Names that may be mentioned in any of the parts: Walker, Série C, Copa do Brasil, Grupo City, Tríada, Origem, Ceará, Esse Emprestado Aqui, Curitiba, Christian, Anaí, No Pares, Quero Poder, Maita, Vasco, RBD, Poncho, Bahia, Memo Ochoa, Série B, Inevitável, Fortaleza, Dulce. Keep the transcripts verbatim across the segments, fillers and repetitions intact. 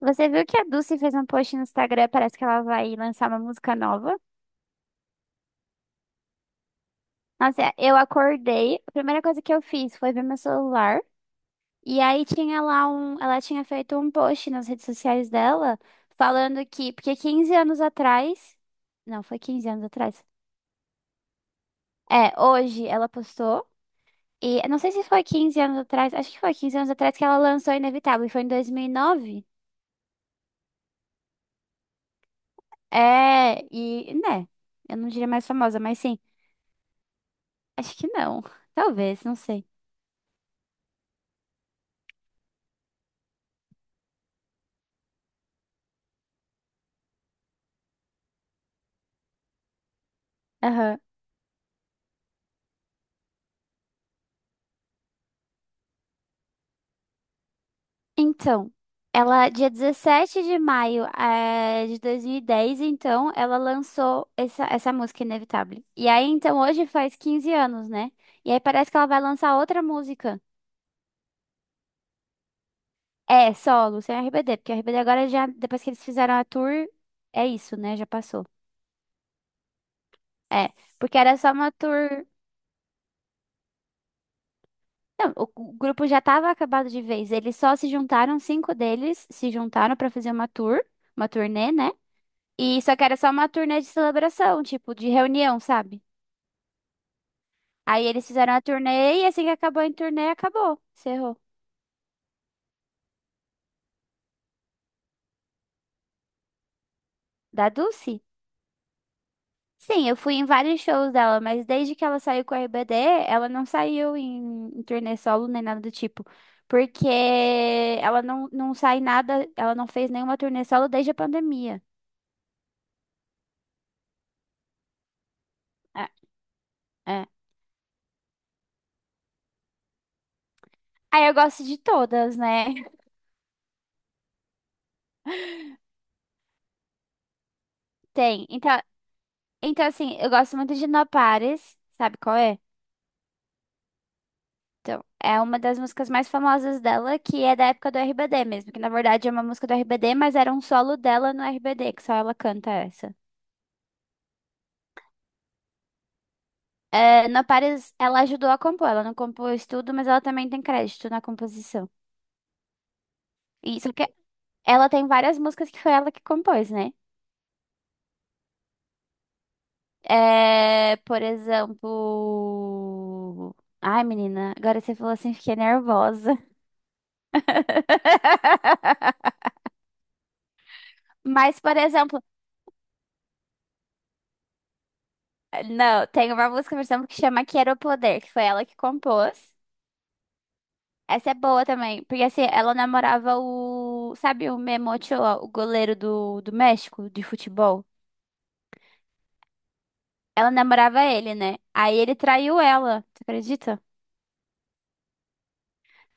Você viu que a Dulce fez um post no Instagram, parece que ela vai lançar uma música nova. Nossa, eu acordei, a primeira coisa que eu fiz foi ver meu celular, e aí tinha lá um, ela tinha feito um post nas redes sociais dela, falando que, porque quinze anos atrás, não, foi quinze anos atrás. É, hoje ela postou, e eu não sei se foi quinze anos atrás, acho que foi quinze anos atrás que ela lançou Inevitável, e foi em dois mil e nove. É, e, né, eu não diria mais famosa, mas sim, acho que não. Talvez, não sei. Aham. Então, ela, dia dezessete de maio, eh, de dois mil e dez, então, ela lançou essa, essa música Inevitável. E aí, então, hoje faz quinze anos, né? E aí parece que ela vai lançar outra música. É, solo, sem R B D, porque R B D agora já, depois que eles fizeram a tour, é isso, né? Já passou. É, porque era só uma tour. Não, o, o grupo já tava acabado de vez. Eles só se juntaram, cinco deles se juntaram pra fazer uma tour, uma turnê, né? E só que era só uma turnê de celebração, tipo, de reunião, sabe? Aí eles fizeram a turnê e assim que acabou a turnê, acabou. Encerrou. Da Dulce? Sim, eu fui em vários shows dela, mas desde que ela saiu com a R B D, ela não saiu em, em turnê solo nem nada do tipo. Porque ela não, não sai nada, ela não fez nenhuma turnê solo desde a pandemia. É, é. Aí eu gosto de todas, né? Tem. Então, então assim, eu gosto muito de No Pares, sabe qual é? Então, é uma das músicas mais famosas dela, que é da época do R B D mesmo, que na verdade é uma música do R B D, mas era um solo dela no R B D, que só ela canta essa. É, na Paris, ela ajudou a compor, ela não compôs tudo, mas ela também tem crédito na composição. E só que ela tem várias músicas que foi ela que compôs, né? É, por exemplo. Ai, menina, agora você falou assim, fiquei nervosa. Mas, por exemplo, não, tem uma música, por exemplo, que chama Quero Poder, que foi ela que compôs. Essa é boa também, porque assim, ela namorava o, sabe, o Memo Ochoa, o goleiro do, do México de futebol. Ela namorava ele, né? Aí ele traiu ela, tu acredita?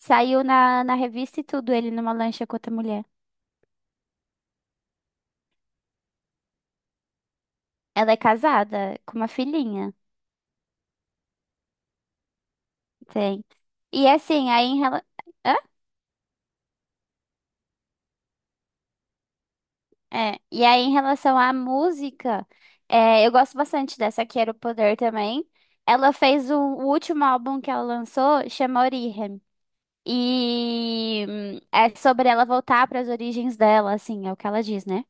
Saiu na, na revista e tudo, ele numa lancha com outra mulher. Ela é casada, com uma filhinha, tem. E assim, aí em relação. É, e aí em relação à música, é, eu gosto bastante dessa Quero Poder também. Ela fez o, o último álbum que ela lançou, chama Origem. E hum, é sobre ela voltar para as origens dela, assim, é o que ela diz, né?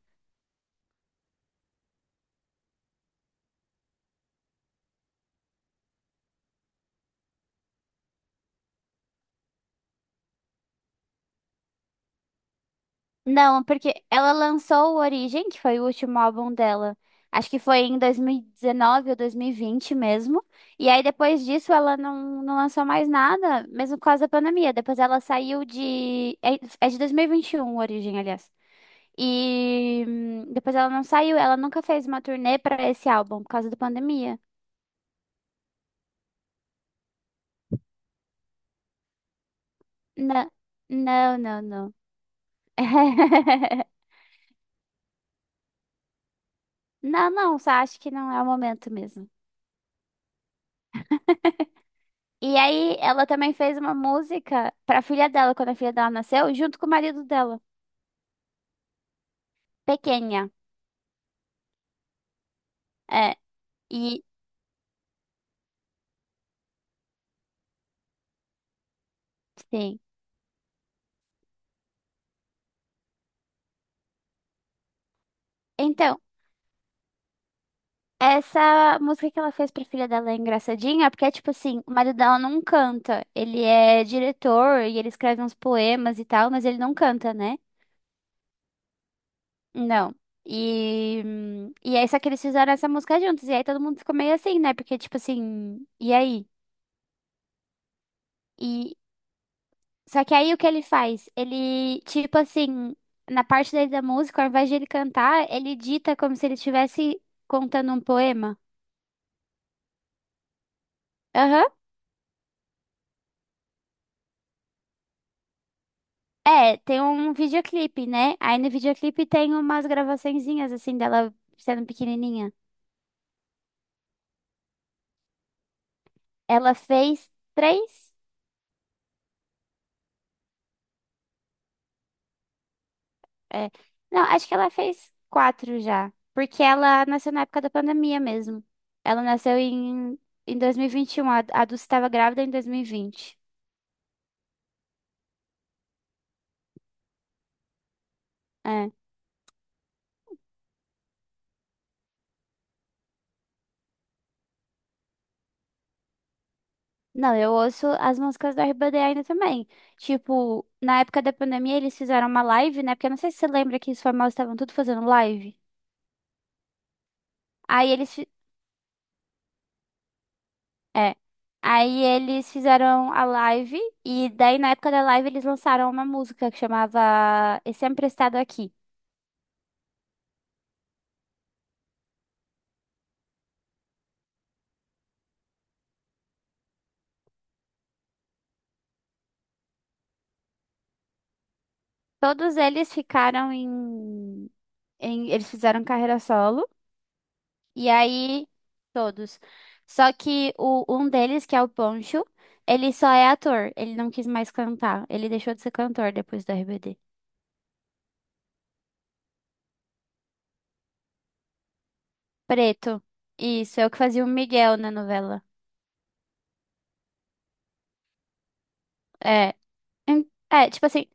Não, porque ela lançou o Origem, que foi o último álbum dela. Acho que foi em dois mil e dezenove ou dois mil e vinte mesmo. E aí depois disso ela não, não lançou mais nada, mesmo por causa da pandemia. Depois ela saiu de. É é de dois mil e vinte e um o Origem, aliás. E hum, depois ela não saiu, ela nunca fez uma turnê pra esse álbum por causa da pandemia. Não, não, não, não. Não, não, só acho que não é o momento mesmo. E aí ela também fez uma música pra filha dela, quando a filha dela nasceu, junto com o marido dela, pequena. É, e sim. Então, essa música que ela fez pra filha dela é engraçadinha, porque é tipo assim, o marido dela não canta. Ele é diretor e ele escreve uns poemas e tal, mas ele não canta, né? Não. E, hum, e aí, só que eles fizeram essa música juntos. E aí todo mundo ficou meio assim, né? Porque, tipo assim, e aí? e Só que aí o que ele faz? Ele, tipo assim, na parte daí da música, ao invés de ele cantar, ele dita como se ele estivesse contando um poema. Aham. É, tem um videoclipe, né? Aí no videoclipe tem umas gravaçõezinhas, assim, dela sendo pequenininha. Ela fez três? É. Não, acho que ela fez quatro já. Porque ela nasceu na época da pandemia mesmo. Ela nasceu em, em dois mil e vinte e um, a, a Dulce estava grávida em dois mil e vinte. Não, eu ouço as músicas da R B D ainda também. Tipo, na época da pandemia eles fizeram uma live, né? Porque eu não sei se você lembra que os famosos estavam tudo fazendo live. Aí eles, fi- é. Aí eles fizeram a live e daí na época da live eles lançaram uma música que chamava Esse Emprestado Aqui. Todos eles ficaram em, em- eles fizeram carreira solo. E aí, todos. Só que o, um deles, que é o Poncho, ele só é ator. Ele não quis mais cantar. Ele deixou de ser cantor depois do R B D. Preto. Isso, é o que fazia o Miguel na novela. É. Hum, É, tipo assim,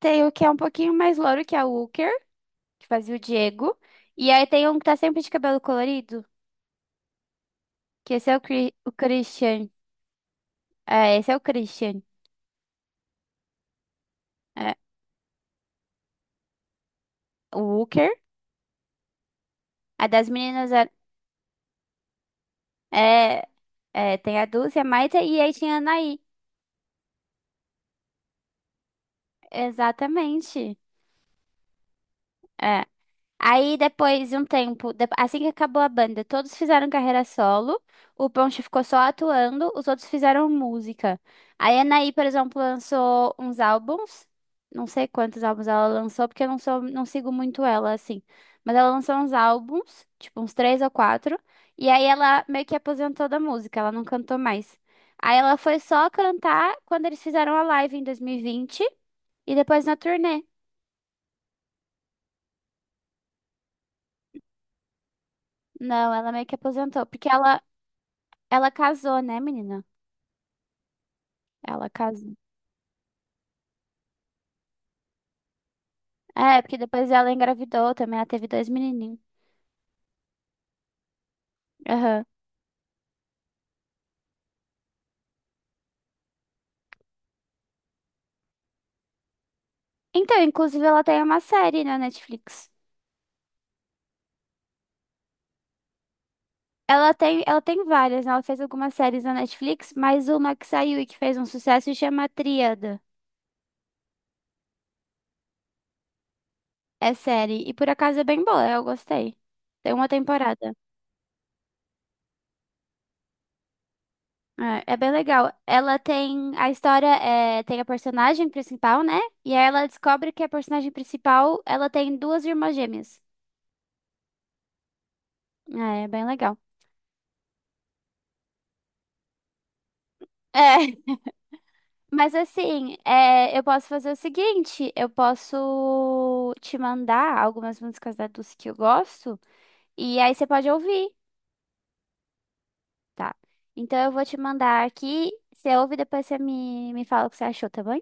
tem o que é um pouquinho mais louro, que é o Walker, que fazia o Diego. E aí tem um que tá sempre de cabelo colorido, que esse é o, Cri o Christian. É, esse é o Christian. É, o Walker. A das meninas era- é, é, tem a Dulce, a Maita e aí tinha a Anaí. Exatamente. É. Aí depois de um tempo, de- assim que acabou a banda, todos fizeram carreira solo, o Ponche ficou só atuando, os outros fizeram música. Aí a Anaí, por exemplo, lançou uns álbuns, não sei quantos álbuns ela lançou, porque eu não sou, não sigo muito ela assim. Mas ela lançou uns álbuns, tipo uns três ou quatro, e aí ela meio que aposentou da música, ela não cantou mais. Aí ela foi só cantar quando eles fizeram a live em dois mil e vinte e vinte e depois na turnê. Não, ela meio que aposentou, porque ela, ela casou, né, menina? Ela casou. É, porque depois ela engravidou também, ela teve dois menininhos. Aham. Então, inclusive, ela tem uma série na Netflix. Ela tem, ela tem várias, né? Ela fez algumas séries na Netflix, mas uma que saiu e que fez um sucesso chama Tríada. É série. E por acaso é bem boa, eu gostei. Tem uma temporada. É, é bem legal. Ela tem. A história é, tem a personagem principal, né? E aí ela descobre que a personagem principal ela tem duas irmãs gêmeas. É, é bem legal. É. Mas assim, é, eu posso fazer o seguinte: eu posso te mandar algumas músicas da Dulce que eu gosto, e aí você pode ouvir, tá? Então eu vou te mandar aqui, você ouve e depois você me, me fala o que você achou, tá bom?